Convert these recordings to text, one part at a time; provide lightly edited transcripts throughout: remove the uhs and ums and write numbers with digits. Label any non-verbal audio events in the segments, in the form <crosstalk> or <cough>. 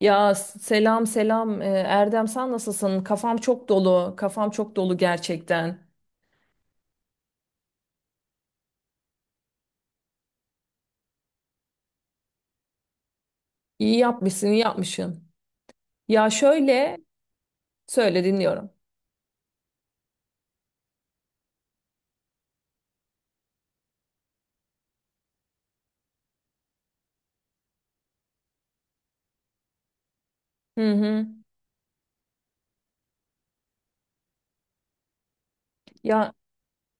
Ya, selam selam. Erdem, sen nasılsın? Kafam çok dolu. Kafam çok dolu gerçekten. İyi yapmışsın, iyi yapmışsın. Ya, söyle, dinliyorum. Hı hı. Ya,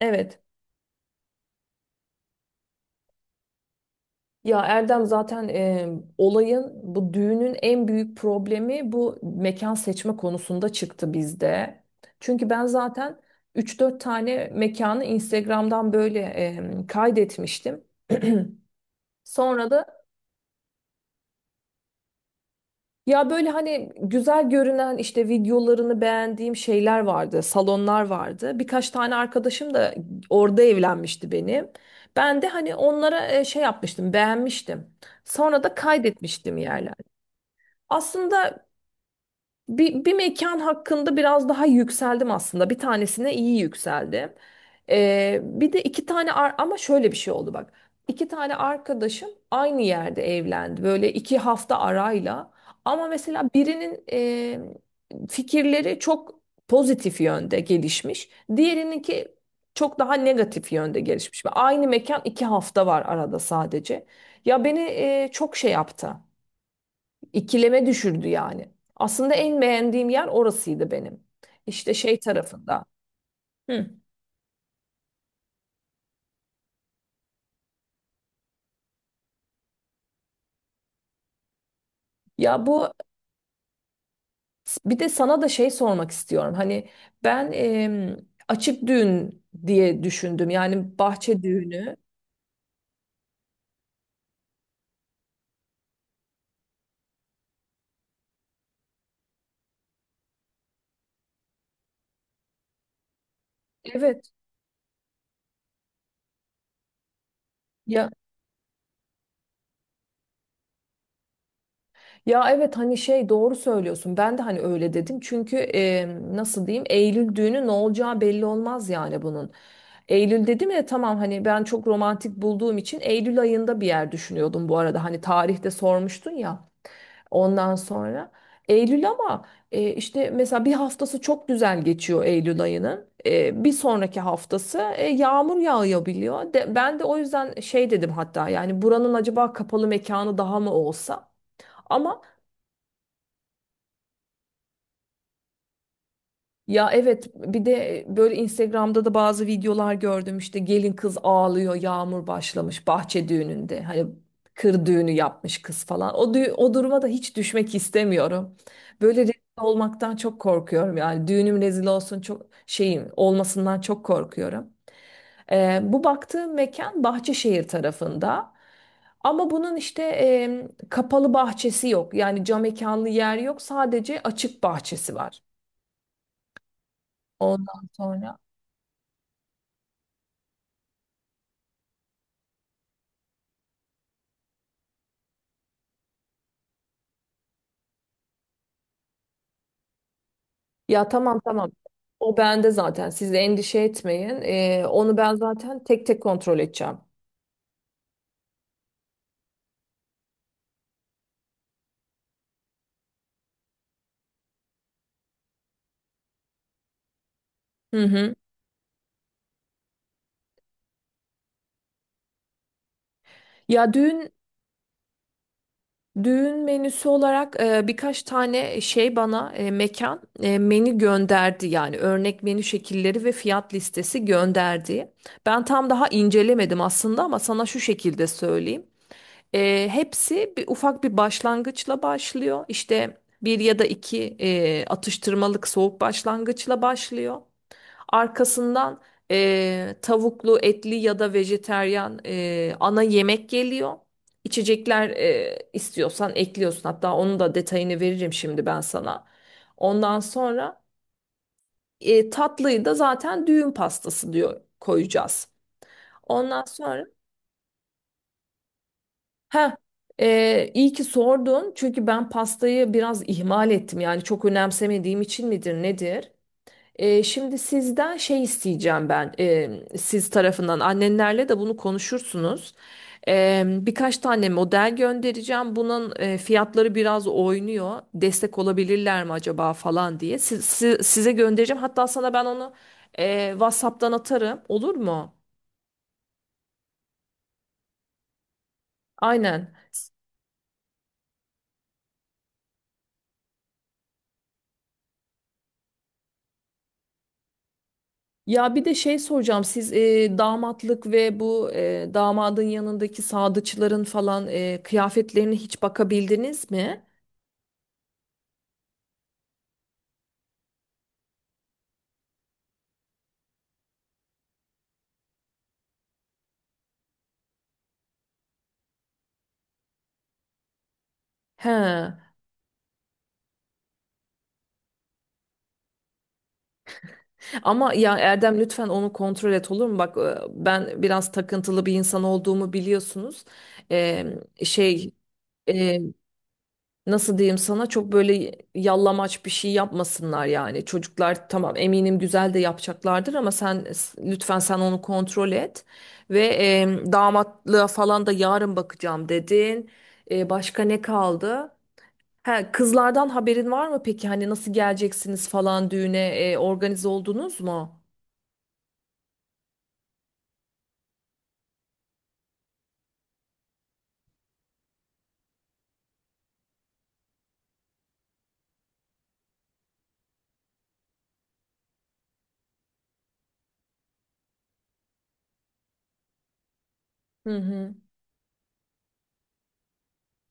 evet. Ya Erdem, zaten bu düğünün en büyük problemi bu mekan seçme konusunda çıktı bizde. Çünkü ben zaten üç dört tane mekanı Instagram'dan böyle kaydetmiştim. <clears throat> Sonra da Ya böyle hani güzel görünen işte videolarını beğendiğim şeyler vardı, salonlar vardı. Birkaç tane arkadaşım da orada evlenmişti benim. Ben de hani onlara şey yapmıştım, beğenmiştim. Sonra da kaydetmiştim yerler. Aslında bir mekan hakkında biraz daha yükseldim aslında. Bir tanesine iyi yükseldim. Bir de iki tane ama şöyle bir şey oldu bak. İki tane arkadaşım aynı yerde evlendi. Böyle 2 hafta arayla. Ama mesela birinin fikirleri çok pozitif yönde gelişmiş. Diğerininki çok daha negatif yönde gelişmiş. Ve aynı mekan, 2 hafta var arada sadece. Ya beni çok şey yaptı. İkileme düşürdü yani. Aslında en beğendiğim yer orasıydı benim. İşte şey tarafında. Hı. Ya bu, bir de sana da şey sormak istiyorum. Hani ben açık düğün diye düşündüm. Yani bahçe düğünü. Evet. Ya, evet hani şey, doğru söylüyorsun. Ben de hani öyle dedim. Çünkü nasıl diyeyim, Eylül düğünü ne olacağı belli olmaz yani bunun. Eylül dedim ya, tamam hani ben çok romantik bulduğum için Eylül ayında bir yer düşünüyordum bu arada. Hani tarihte sormuştun ya ondan sonra. Eylül, ama işte mesela bir haftası çok güzel geçiyor Eylül ayının. Bir sonraki haftası yağmur yağabiliyor. Ben de o yüzden şey dedim hatta, yani buranın acaba kapalı mekanı daha mı olsa? Ama Ya, evet, bir de böyle Instagram'da da bazı videolar gördüm, işte gelin kız ağlıyor, yağmur başlamış bahçe düğününde, hani kır düğünü yapmış kız falan, o duruma da hiç düşmek istemiyorum. Böyle rezil olmaktan çok korkuyorum yani, düğünüm rezil olsun, çok şeyim olmasından çok korkuyorum. Bu baktığım mekan Bahçeşehir tarafında. Ama bunun işte kapalı bahçesi yok. Yani cam mekanlı yer yok. Sadece açık bahçesi var. Ondan sonra ya tamam, tamam. O bende zaten. Siz de endişe etmeyin. Onu ben zaten tek tek kontrol edeceğim. Hı hı. Ya düğün Düğün menüsü olarak birkaç tane şey bana e, mekan menü gönderdi, yani örnek menü şekilleri ve fiyat listesi gönderdi. Ben tam daha incelemedim aslında, ama sana şu şekilde söyleyeyim. Hepsi bir ufak bir başlangıçla başlıyor. İşte bir ya da iki atıştırmalık soğuk başlangıçla başlıyor. Arkasından tavuklu, etli ya da vejeteryan ana yemek geliyor. İçecekler istiyorsan ekliyorsun. Hatta onun da detayını veririm şimdi ben sana. Ondan sonra tatlıyı da zaten düğün pastası diyor, koyacağız. Ondan sonra, ha, iyi ki sordun çünkü ben pastayı biraz ihmal ettim yani, çok önemsemediğim için midir nedir? Şimdi sizden şey isteyeceğim ben, siz tarafından annenlerle de bunu konuşursunuz. Birkaç tane model göndereceğim. Bunun fiyatları biraz oynuyor. Destek olabilirler mi acaba falan diye. Size göndereceğim. Hatta sana ben onu WhatsApp'tan atarım. Olur mu? Aynen. Ya, bir de şey soracağım. Siz damatlık ve bu damadın yanındaki sadıçların falan kıyafetlerine hiç bakabildiniz mi? He. Ama ya Erdem, lütfen onu kontrol et, olur mu? Bak ben biraz takıntılı bir insan olduğumu biliyorsunuz. Ee, Şey, e, nasıl diyeyim sana, çok böyle yallamaç bir şey yapmasınlar yani. Çocuklar tamam, eminim güzel de yapacaklardır, ama sen lütfen, sen onu kontrol et. Ve damatlığa falan da yarın bakacağım dedin. Başka ne kaldı? Ha, kızlardan haberin var mı peki? Hani nasıl geleceksiniz falan düğüne, organize oldunuz mu? Hı hı.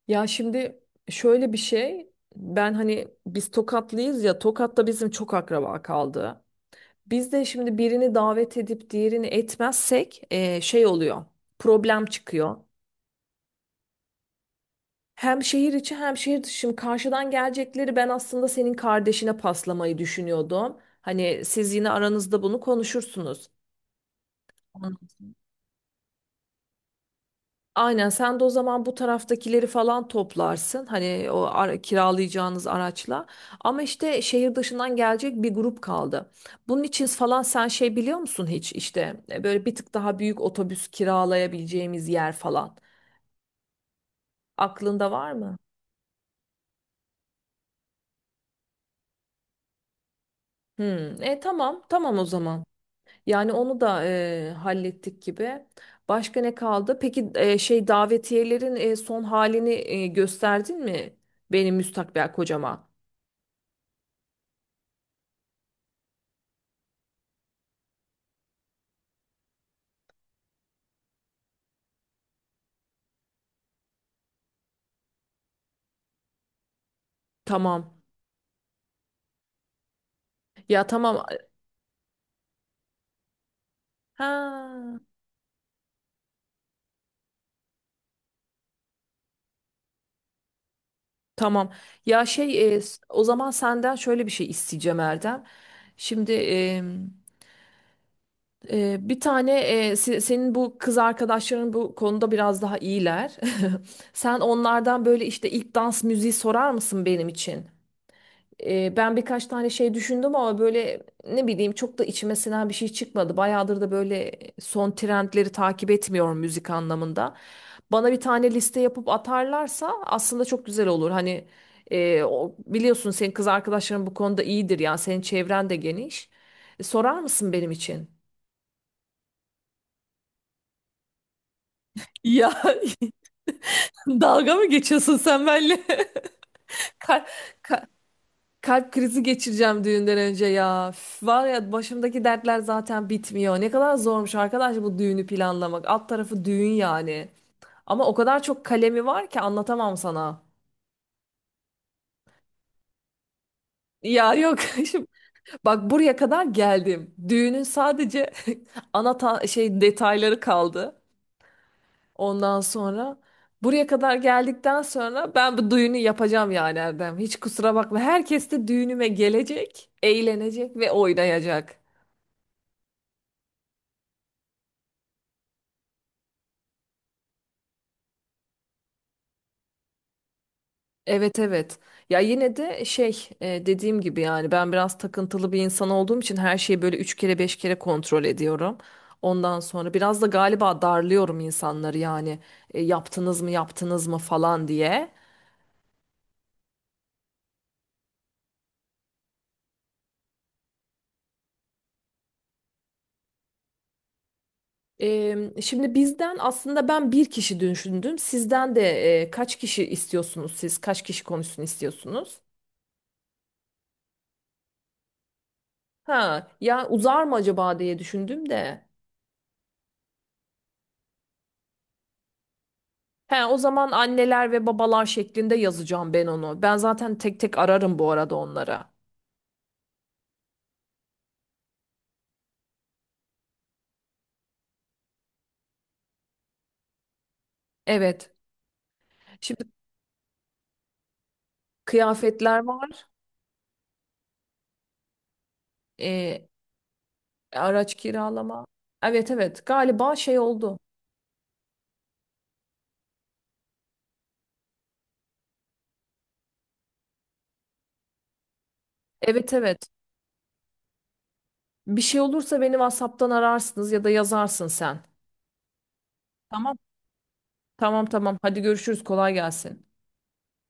Ya şimdi şöyle bir şey, ben hani biz Tokatlıyız ya, Tokat'ta bizim çok akraba kaldı. Biz de şimdi birini davet edip diğerini etmezsek şey oluyor, problem çıkıyor. Hem şehir içi hem şehir dışı. Şimdi karşıdan gelecekleri ben aslında senin kardeşine paslamayı düşünüyordum. Hani siz yine aranızda bunu konuşursunuz. Anladım. Aynen, sen de o zaman bu taraftakileri falan toplarsın hani kiralayacağınız araçla, ama işte şehir dışından gelecek bir grup kaldı. Bunun için falan sen şey biliyor musun hiç, işte böyle bir tık daha büyük otobüs kiralayabileceğimiz yer falan aklında var mı? Hmm, tamam, tamam, o zaman yani onu da hallettik gibi. Başka ne kaldı? Peki şey, davetiyelerin son halini gösterdin mi benim müstakbel kocama? Tamam. Ya, tamam. Ha, tamam. Ya şey, o zaman senden şöyle bir şey isteyeceğim Erdem. Şimdi bir tane, senin bu kız arkadaşların bu konuda biraz daha iyiler. <laughs> Sen onlardan böyle işte ilk dans müziği sorar mısın benim için? Ben birkaç tane şey düşündüm, ama böyle ne bileyim çok da içime sinen bir şey çıkmadı. Bayağıdır da böyle son trendleri takip etmiyorum müzik anlamında. Bana bir tane liste yapıp atarlarsa aslında çok güzel olur. Hani biliyorsun senin kız arkadaşların bu konuda iyidir yani, senin çevren de geniş. Sorar mısın benim için? Ya, <laughs> dalga mı geçiyorsun sen benimle? <laughs> Ka- ka- Kalp krizi geçireceğim düğünden önce ya. Üf, var ya, başımdaki dertler zaten bitmiyor. Ne kadar zormuş arkadaş bu düğünü planlamak. Alt tarafı düğün yani. Ama o kadar çok kalemi var ki, anlatamam sana. Ya, yok, <laughs> şimdi bak buraya kadar geldim. Düğünün sadece <laughs> şey detayları kaldı. Ondan sonra buraya kadar geldikten sonra ben bu düğünü yapacağım yani Erdem. Hiç kusura bakma. Herkes de düğünüme gelecek, eğlenecek ve oynayacak. Evet, evet. Ya, yine de şey, dediğim gibi yani, ben biraz takıntılı bir insan olduğum için her şeyi böyle üç kere beş kere kontrol ediyorum. Ondan sonra biraz da galiba darlıyorum insanları yani, yaptınız mı, yaptınız mı falan diye. Şimdi bizden aslında ben bir kişi düşündüm. Sizden de kaç kişi istiyorsunuz siz? Kaç kişi konuşsun istiyorsunuz? Ha, ya uzar mı acaba diye düşündüm de. He, o zaman anneler ve babalar şeklinde yazacağım ben onu. Ben zaten tek tek ararım bu arada onlara. Evet. Şimdi kıyafetler var. Ee, araç kiralama. Evet, evet. Galiba şey oldu. Evet, evet. Bir şey olursa beni WhatsApp'tan ararsınız ya da yazarsın sen. Tamam. Tamam, tamam. Hadi görüşürüz. Kolay gelsin.